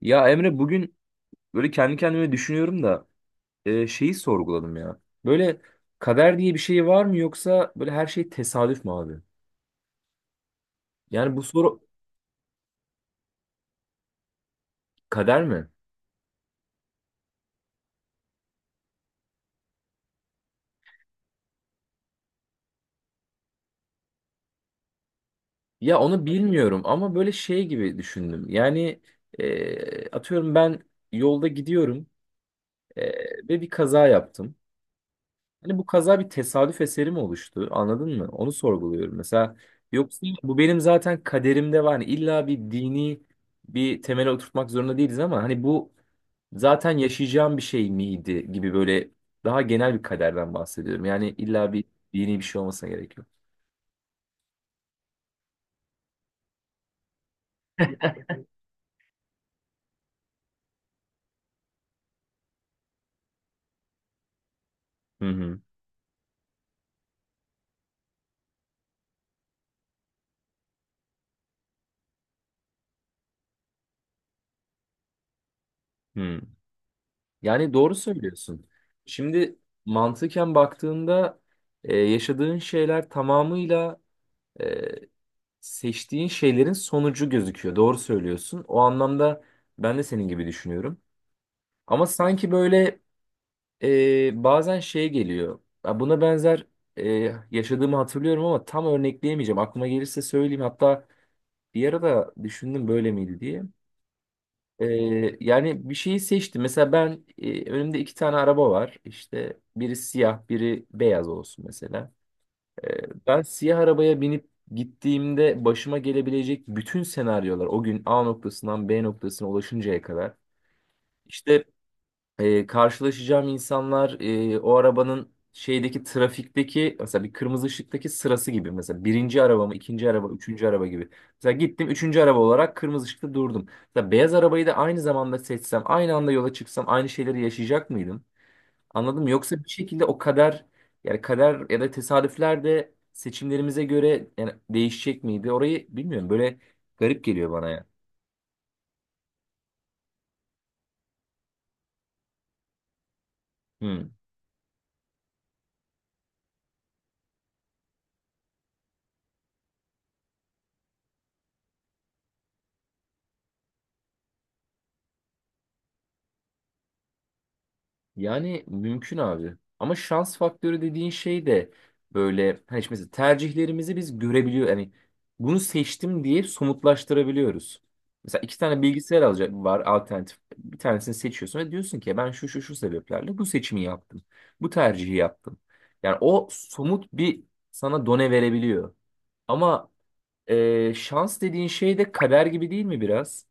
Ya Emre bugün böyle kendi kendime düşünüyorum da şeyi sorguladım ya. Böyle kader diye bir şey var mı yoksa böyle her şey tesadüf mü abi? Yani bu soru kader mi? Ya onu bilmiyorum ama böyle şey gibi düşündüm. Atıyorum ben yolda gidiyorum, ve bir kaza yaptım. Hani bu kaza bir tesadüf eseri mi oluştu? Anladın mı? Onu sorguluyorum. Mesela yoksa bu benim zaten kaderimde var. Hani illa bir dini bir temele oturtmak zorunda değiliz ama hani bu zaten yaşayacağım bir şey miydi gibi böyle daha genel bir kaderden bahsediyorum. Yani illa bir yeni bir şey olmasına gerek yok. Hı hı. Hı. Yani doğru söylüyorsun. Şimdi mantıken baktığında yaşadığın şeyler tamamıyla, e, seçtiğin şeylerin sonucu gözüküyor. Doğru söylüyorsun. O anlamda ben de senin gibi düşünüyorum. Ama sanki böyle bazen şey geliyor. Ya buna benzer yaşadığımı hatırlıyorum ama tam örnekleyemeyeceğim. Aklıma gelirse söyleyeyim. Hatta bir ara da düşündüm böyle miydi diye. E, Yani bir şeyi seçtim. Mesela ben, önümde iki tane araba var. İşte biri siyah, biri beyaz olsun mesela. Ben siyah arabaya binip gittiğimde başıma gelebilecek bütün senaryolar o gün A noktasından B noktasına ulaşıncaya kadar. İşte karşılaşacağım insanlar, o arabanın şeydeki trafikteki mesela bir kırmızı ışıktaki sırası gibi, mesela birinci araba mı ikinci araba üçüncü araba gibi. Mesela gittim üçüncü araba olarak kırmızı ışıkta durdum. Mesela beyaz arabayı da aynı zamanda seçsem aynı anda yola çıksam aynı şeyleri yaşayacak mıydım? Anladım mı? Yoksa bir şekilde o kader, yani kader ya da tesadüfler de seçimlerimize göre yani değişecek miydi? Orayı bilmiyorum, böyle garip geliyor bana ya. Yani mümkün abi. Ama şans faktörü dediğin şey de böyle hani işte mesela tercihlerimizi biz görebiliyor. Yani bunu seçtim diye somutlaştırabiliyoruz. Mesela iki tane bilgisayar alacak var, alternatif. Bir tanesini seçiyorsun ve diyorsun ki ben şu şu şu sebeplerle bu seçimi yaptım. Bu tercihi yaptım. Yani o somut bir sana done verebiliyor. Ama şans dediğin şey de kader gibi değil mi biraz?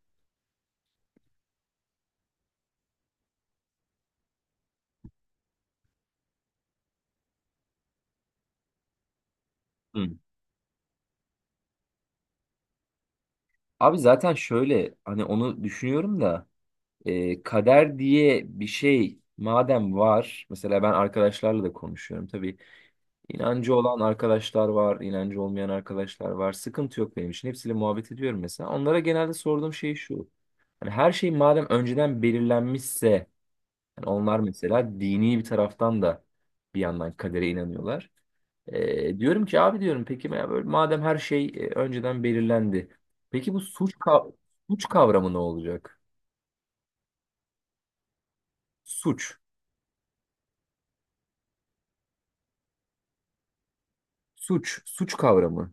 Hı. Abi zaten şöyle hani onu düşünüyorum da. E, kader diye bir şey madem var, mesela ben arkadaşlarla da konuşuyorum tabii. İnancı olan arkadaşlar var, inancı olmayan arkadaşlar var. Sıkıntı yok benim için. Hepsiyle muhabbet ediyorum mesela. Onlara genelde sorduğum şey şu. Hani her şey madem önceden belirlenmişse, yani onlar mesela dini bir taraftan da bir yandan kadere inanıyorlar. E, diyorum ki abi diyorum peki ya böyle madem her şey önceden belirlendi. Peki bu suç kavramı ne olacak? Suç. Suç kavramı.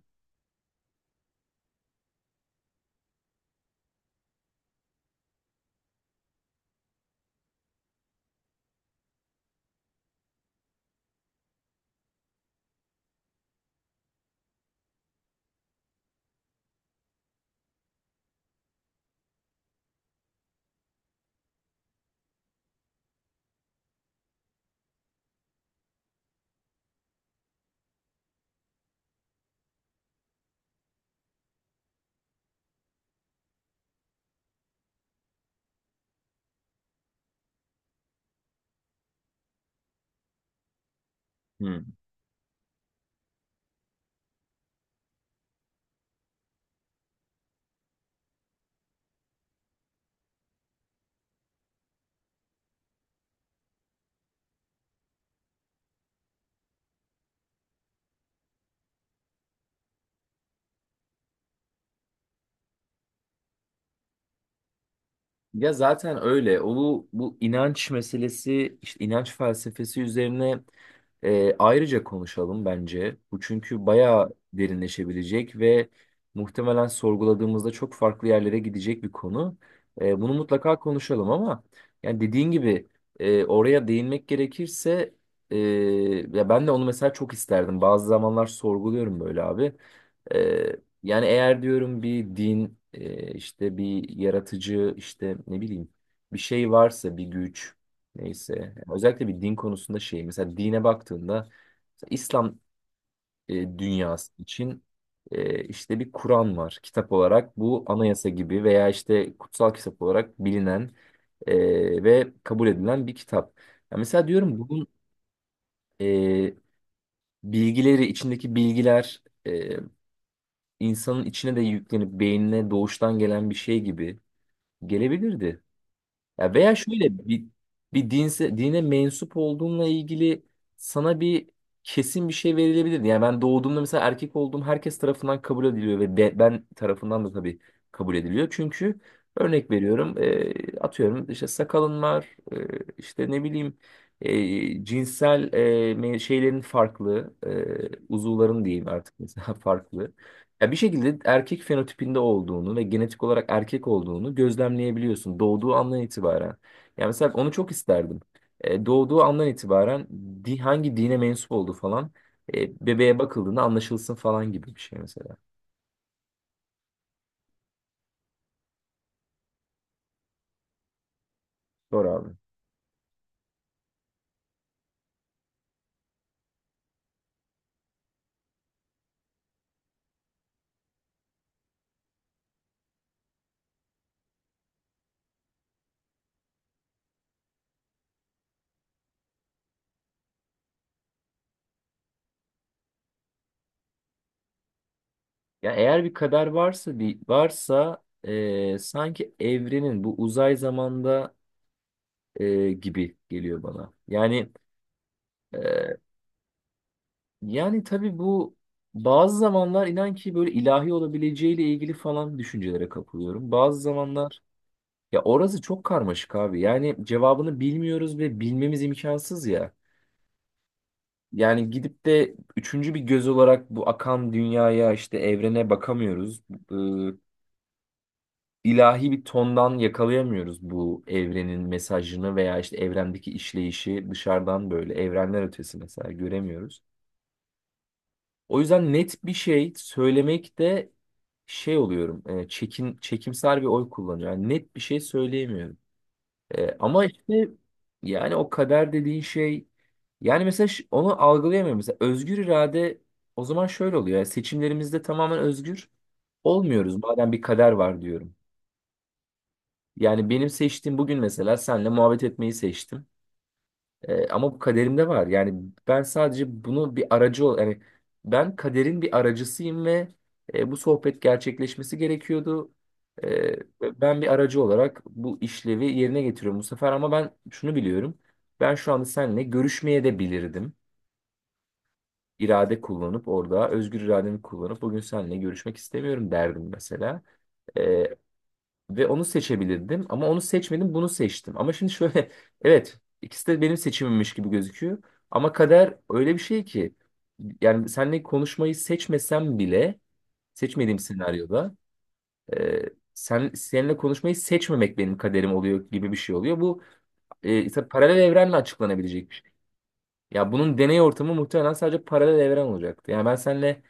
Hmm. Ya zaten öyle. O bu, bu inanç meselesi, işte inanç felsefesi üzerine ayrıca konuşalım bence. Bu çünkü bayağı derinleşebilecek ve muhtemelen sorguladığımızda çok farklı yerlere gidecek bir konu. E, bunu mutlaka konuşalım ama yani dediğin gibi, oraya değinmek gerekirse, e, ya ben de onu mesela çok isterdim. Bazı zamanlar sorguluyorum böyle abi. E, yani eğer diyorum bir din, işte bir yaratıcı, işte ne bileyim bir şey varsa, bir güç, neyse. Yani özellikle bir din konusunda şey, mesela dine baktığında, mesela İslam dünyası için, işte bir Kur'an var kitap olarak, bu anayasa gibi veya işte kutsal kitap olarak bilinen ve kabul edilen bir kitap. Ya mesela diyorum bunun, e, bilgileri, içindeki bilgiler, insanın içine de yüklenip beynine doğuştan gelen bir şey gibi gelebilirdi. Ya veya şöyle bir bir dinse, dine mensup olduğunla ilgili sana bir kesin bir şey verilebilirdi. Yani ben doğduğumda mesela erkek olduğum herkes tarafından kabul ediliyor ve ben tarafından da tabii kabul ediliyor. Çünkü örnek veriyorum, atıyorum işte sakalın var, işte ne bileyim, cinsel, şeylerin farklı, uzuvların diyeyim artık mesela farklı. Ya bir şekilde erkek fenotipinde olduğunu ve genetik olarak erkek olduğunu gözlemleyebiliyorsun doğduğu andan itibaren. Yani mesela onu çok isterdim. E, doğduğu andan itibaren hangi dine mensup olduğu falan, bebeğe bakıldığında anlaşılsın falan gibi bir şey mesela. Doğru abi. Ya eğer bir kader varsa, bir varsa, sanki evrenin bu uzay zamanda, gibi geliyor bana. E, Yani tabii bu, bazı zamanlar inan ki böyle ilahi olabileceğiyle ilgili falan düşüncelere kapılıyorum. Bazı zamanlar ya orası çok karmaşık abi. Yani cevabını bilmiyoruz ve bilmemiz imkansız ya. Yani gidip de üçüncü bir göz olarak bu akan dünyaya, işte evrene bakamıyoruz. Ee, ilahi bir tondan yakalayamıyoruz bu evrenin mesajını veya işte evrendeki işleyişi dışarıdan, böyle evrenler ötesi mesela göremiyoruz. O yüzden net bir şey söylemekte şey oluyorum. Çekimser bir oy kullanıyorum. Yani net bir şey söyleyemiyorum. E, ama işte yani o kader dediğin şey, yani mesela onu algılayamıyorum. Mesela özgür irade, o zaman şöyle oluyor. Yani seçimlerimizde tamamen özgür olmuyoruz. Madem bir kader var diyorum. Yani benim seçtiğim, bugün mesela senle muhabbet etmeyi seçtim. Ama bu kaderimde var. Yani ben sadece bunu bir aracı ol, yani ben kaderin bir aracısıyım ve bu sohbet gerçekleşmesi gerekiyordu. E, Ve ben bir aracı olarak bu işlevi yerine getiriyorum bu sefer, ama ben şunu biliyorum. Ben şu anda seninle görüşmeye de bilirdim. İrade kullanıp orada özgür irademi kullanıp bugün seninle görüşmek istemiyorum derdim mesela. Ve onu seçebilirdim ama onu seçmedim, bunu seçtim. Ama şimdi şöyle evet ikisi de benim seçimimmiş gibi gözüküyor. Ama kader öyle bir şey ki, yani seninle konuşmayı seçmesem bile, seçmediğim senaryoda, e, sen seninle konuşmayı seçmemek benim kaderim oluyor gibi bir şey oluyor. Bu ise paralel evrenle açıklanabilecek bir şey. Ya bunun deney ortamı muhtemelen sadece paralel evren olacaktı. Yani ben seninle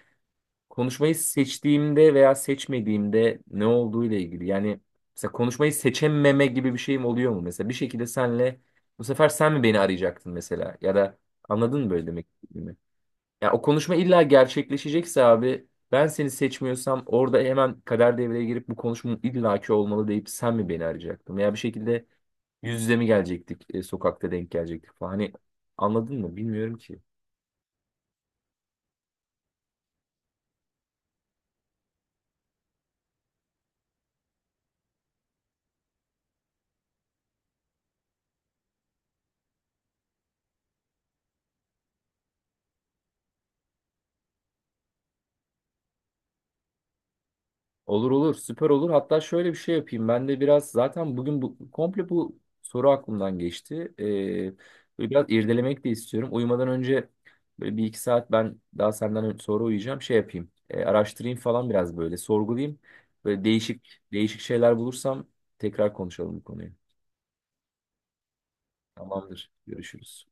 konuşmayı seçtiğimde veya seçmediğimde ne olduğuyla ilgili. Yani mesela konuşmayı seçememe gibi bir şeyim oluyor mu? Mesela bir şekilde senle bu sefer sen mi beni arayacaktın mesela? Ya da anladın mı böyle demek istediğimi? Ya o konuşma illa gerçekleşecekse abi, ben seni seçmiyorsam orada hemen kader devreye girip bu konuşmanın illaki olmalı deyip sen mi beni arayacaktın? Veya bir şekilde yüz yüze mi gelecektik, sokakta denk gelecektik falan. Hani anladın mı? Bilmiyorum ki. Olur olur, süper olur. Hatta şöyle bir şey yapayım. Ben de biraz zaten bugün bu komple bu soru aklımdan geçti. Böyle biraz irdelemek de istiyorum. Uyumadan önce böyle bir iki saat ben daha senden sonra uyuyacağım. Şey yapayım, araştırayım falan, biraz böyle sorgulayayım. Böyle değişik değişik şeyler bulursam tekrar konuşalım bu konuyu. Tamamdır. Görüşürüz.